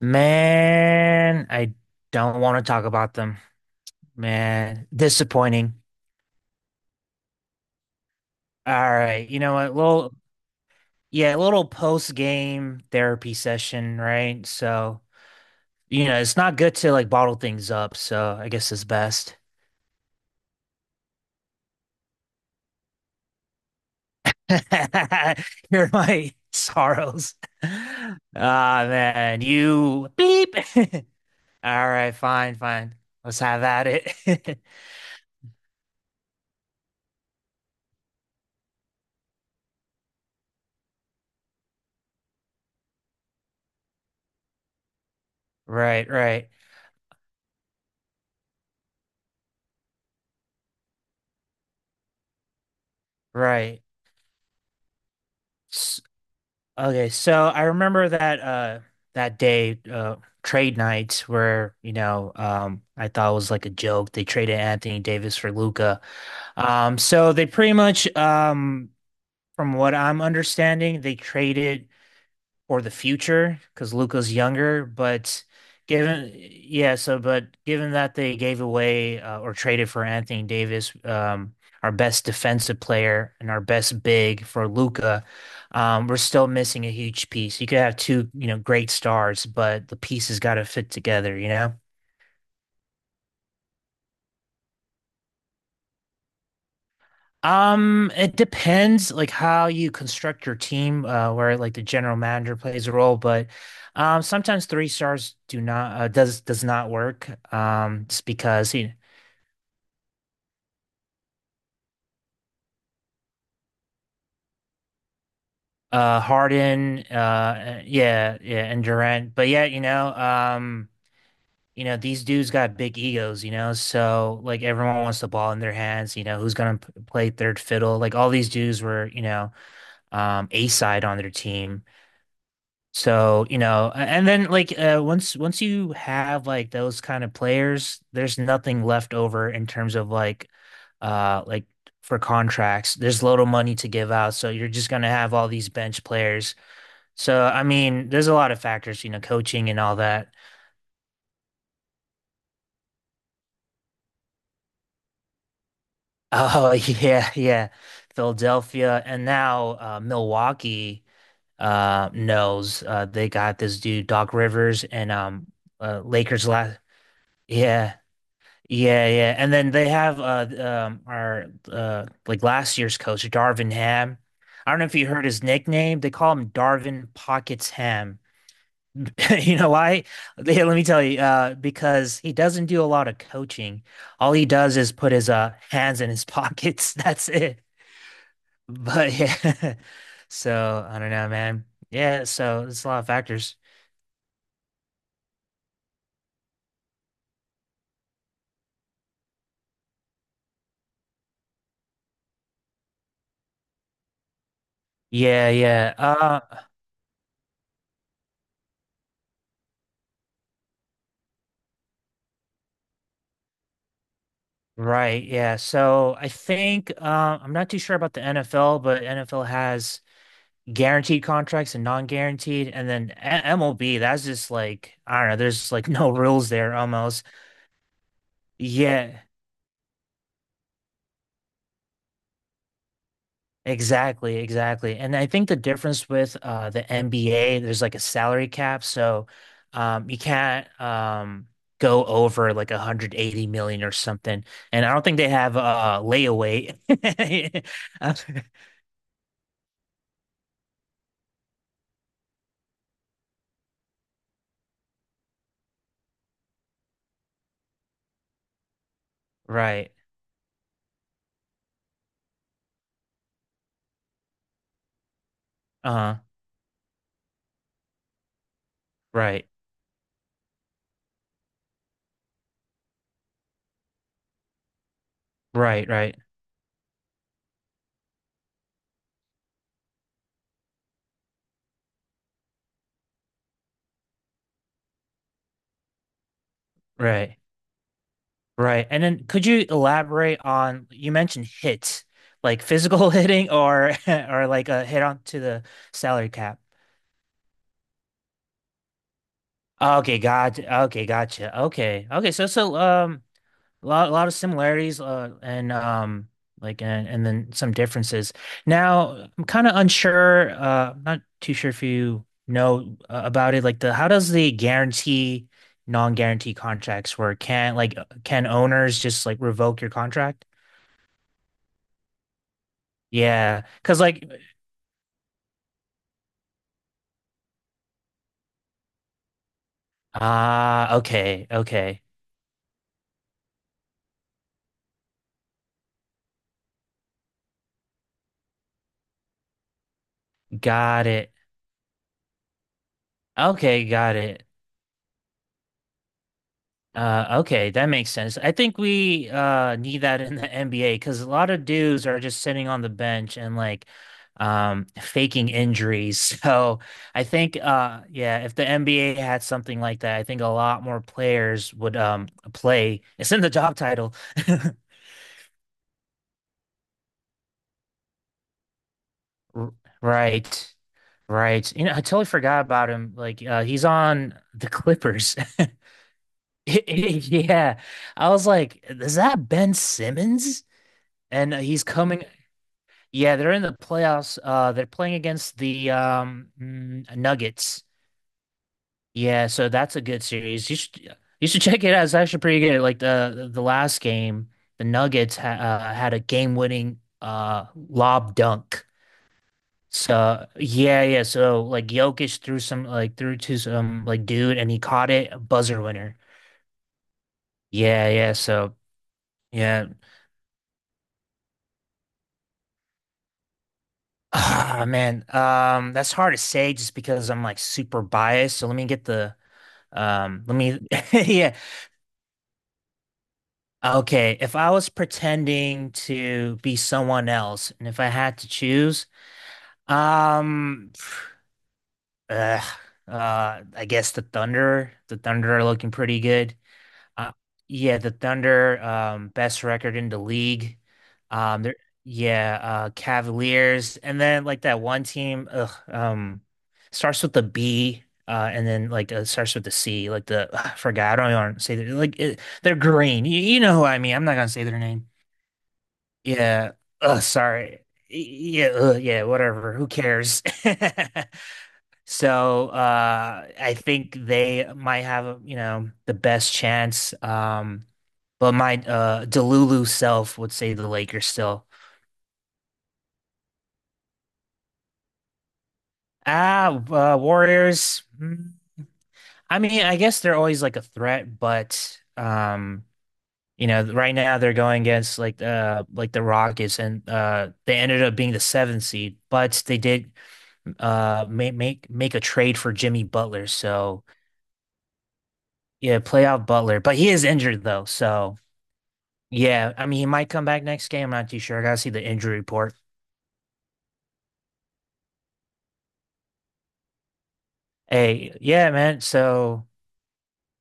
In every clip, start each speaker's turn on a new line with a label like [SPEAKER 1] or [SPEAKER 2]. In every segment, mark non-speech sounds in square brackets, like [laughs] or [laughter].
[SPEAKER 1] Man, I don't want to talk about them. Man, disappointing. All right, you know what? Little post-game therapy session, right? So, it's not good to like bottle things up, so I guess it's best. [laughs] Here are my [laughs] sorrows. Ah, man, you beep. [laughs] All right, fine. Let's have at it. [laughs] Right, right, right. Okay, so I remember that that day trade night where, I thought it was like a joke. They traded Anthony Davis for Luca. So they pretty much from what I'm understanding, they traded or the future because Luca's younger, but given yeah, so but given that they gave away or traded for Anthony Davis, our best defensive player and our best big for Luca, we're still missing a huge piece. You could have two, you know, great stars, but the pieces got to fit together, you know? It depends like how you construct your team, where like the general manager plays a role, but sometimes three stars do not does not work. Just because you know, Harden, yeah, yeah, and Durant, but yeah, you know these dudes got big egos, you know, so like everyone wants the ball in their hands. You know, who's gonna play third fiddle? Like all these dudes were, A side on their team. So, you know, and then like once you have like those kind of players, there's nothing left over in terms of like uh like for contracts. There's little money to give out, so you're just gonna have all these bench players. So, I mean, there's a lot of factors, you know, coaching and all that. Oh, [laughs] yeah, yeah. Philadelphia and now Milwaukee knows they got this dude Doc Rivers and Lakers last yeah. Yeah, yeah. And then they have our like last year's coach, Darvin Ham. I don't know if you heard his nickname. They call him Darvin Pockets Ham. [laughs] You know why? Yeah, let me tell you, because he doesn't do a lot of coaching. All he does is put his hands in his pockets. [laughs] That's it. But yeah. [laughs] So I don't know, man. Yeah, so it's a lot of factors. Yeah, yeah. Uh, right, yeah. So I think I'm not too sure about the NFL, but NFL has guaranteed contracts and non-guaranteed, and then MLB, that's just like I don't know, there's like [laughs] no rules there almost. Yeah, exactly. And I think the difference with the NBA, there's like a salary cap, so you can't go over like 180 million or something. And I don't think they have layaway. [laughs] Right. Uh-huh. Right, right, right, right, right. And then could you elaborate on you mentioned hits, like physical [laughs] hitting or [laughs] or like a hit on to the salary cap. Okay, gotcha. Okay, gotcha. Okay. Okay, so so a lot of similarities, and and then some differences. Now, I'm kind of unsure. I'm not too sure if you know about it. Like the, how does the guarantee, non-guarantee contracts work? Can like, can owners just like revoke your contract? Yeah, because like, ah, okay, got it. Okay, got it. Okay, that makes sense. I think we need that in the NBA because a lot of dudes are just sitting on the bench and like faking injuries. [laughs] So I think yeah, if the NBA had something like that, I think a lot more players would play. It's in the job title. [laughs] R- Right. Right. You know, I totally forgot about him. Like he's on the Clippers. [laughs] Yeah. I was like, is that Ben Simmons? And he's coming yeah, they're in the playoffs. They're playing against the Nuggets. Yeah, so that's a good series. You should [laughs] check it out. It's actually pretty good. Like the last game, the Nuggets ha had a game-winning lob dunk. So yeah, yeah. So like Jokic threw to some like dude and he caught it, a buzzer winner. Yeah, yeah. So yeah. [sighs] Ah, man. That's hard to say just because I'm like super biased. So let me get the Um, let me, [laughs] yeah. Okay. If I was pretending to be someone else and if I had to choose, um, [sighs] ugh, I guess the Thunder are looking pretty good. Uh, yeah, the Thunder, best record in the league. Um, there, yeah, Cavaliers, and then like that one team, starts with the B, and then like starts with the C, like the ugh, I forgot. I don't want to say that. Like it, they're green. You know who I mean. I'm not gonna say their name. Yeah. Ugh, sorry. Yeah. Ugh, yeah. Whatever. Who cares? [laughs] So I think they might have, you know, the best chance. But my Delulu self would say the Lakers still. Ah, Warriors. I mean, I guess they're always like a threat, but you know, right now they're going against like the Rockets, and they ended up being the seventh seed, but they did make a trade for Jimmy Butler, so yeah, play out Butler, but he is injured though, so. Yeah, I mean, he might come back next game. I'm not too sure. I gotta see the injury report. Hey, yeah, man. So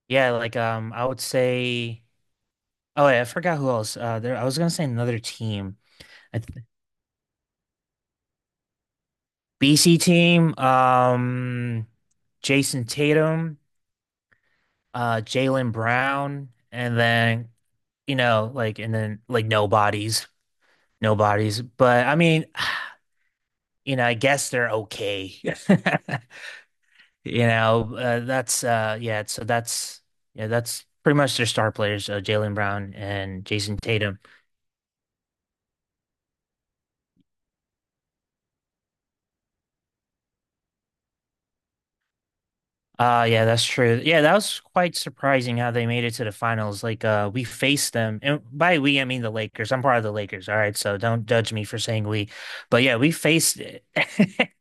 [SPEAKER 1] yeah, like I would say. Oh, yeah, I forgot who else. I was gonna say another team. I th BC team. Jason Tatum, Jaylen Brown, and then you know, like, and then like nobodies, nobodies. But I mean, you know, I guess they're okay. [laughs] You know, that's yeah, so that's yeah, that's pretty much their star players, Jaylen Brown and Jason Tatum. Yeah, that's true. Yeah, that was quite surprising how they made it to the finals. Like we faced them and by we I mean the Lakers. I'm part of the Lakers, all right, so don't judge me for saying we. But yeah, we faced it. [laughs]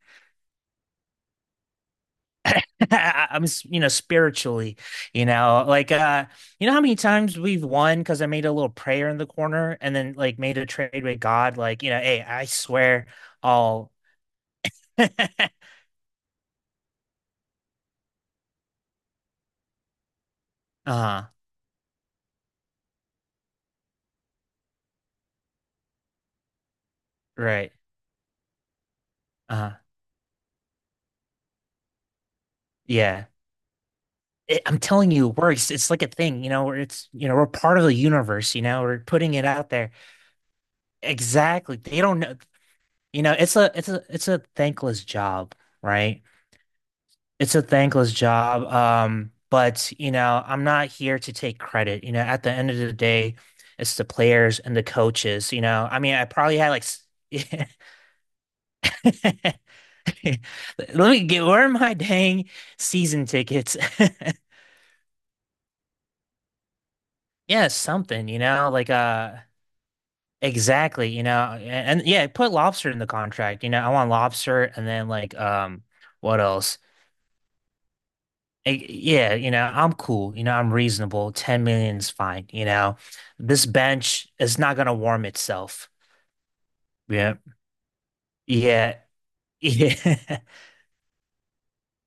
[SPEAKER 1] [laughs] I'm, you know, spiritually, you know, like, you know how many times we've won because I made a little prayer in the corner and then like made a trade with God, like, you know, hey, I swear I'll, [laughs] uh-huh, right, uh-huh, yeah. It, I'm telling you, it works. It's like a thing, you know, where it's, you know, we're part of the universe, you know, we're putting it out there. Exactly. They don't know, you know, it's a thankless job, right? It's a thankless job. But you know, I'm not here to take credit. You know, at the end of the day, it's the players and the coaches. You know, I mean, I probably had like, [laughs] let me get, where are my dang season tickets? [laughs] Yeah, something, you know, like, exactly, you know, and yeah, put lobster in the contract. You know, I want lobster and then like, what else? Yeah, you know, I'm cool. You know, I'm reasonable. 10 million is fine. You know, this bench is not going to warm itself. Yeah. Yeah. Yeah. [laughs]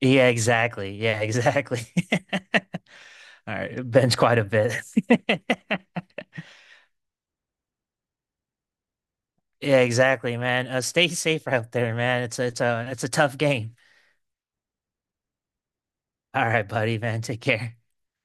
[SPEAKER 1] Yeah, exactly. Yeah, exactly. [laughs] All right. Bench quite a bit. [laughs] Yeah, exactly, man. Stay safe out there, man. It's a tough game. All right, buddy, man. Take care.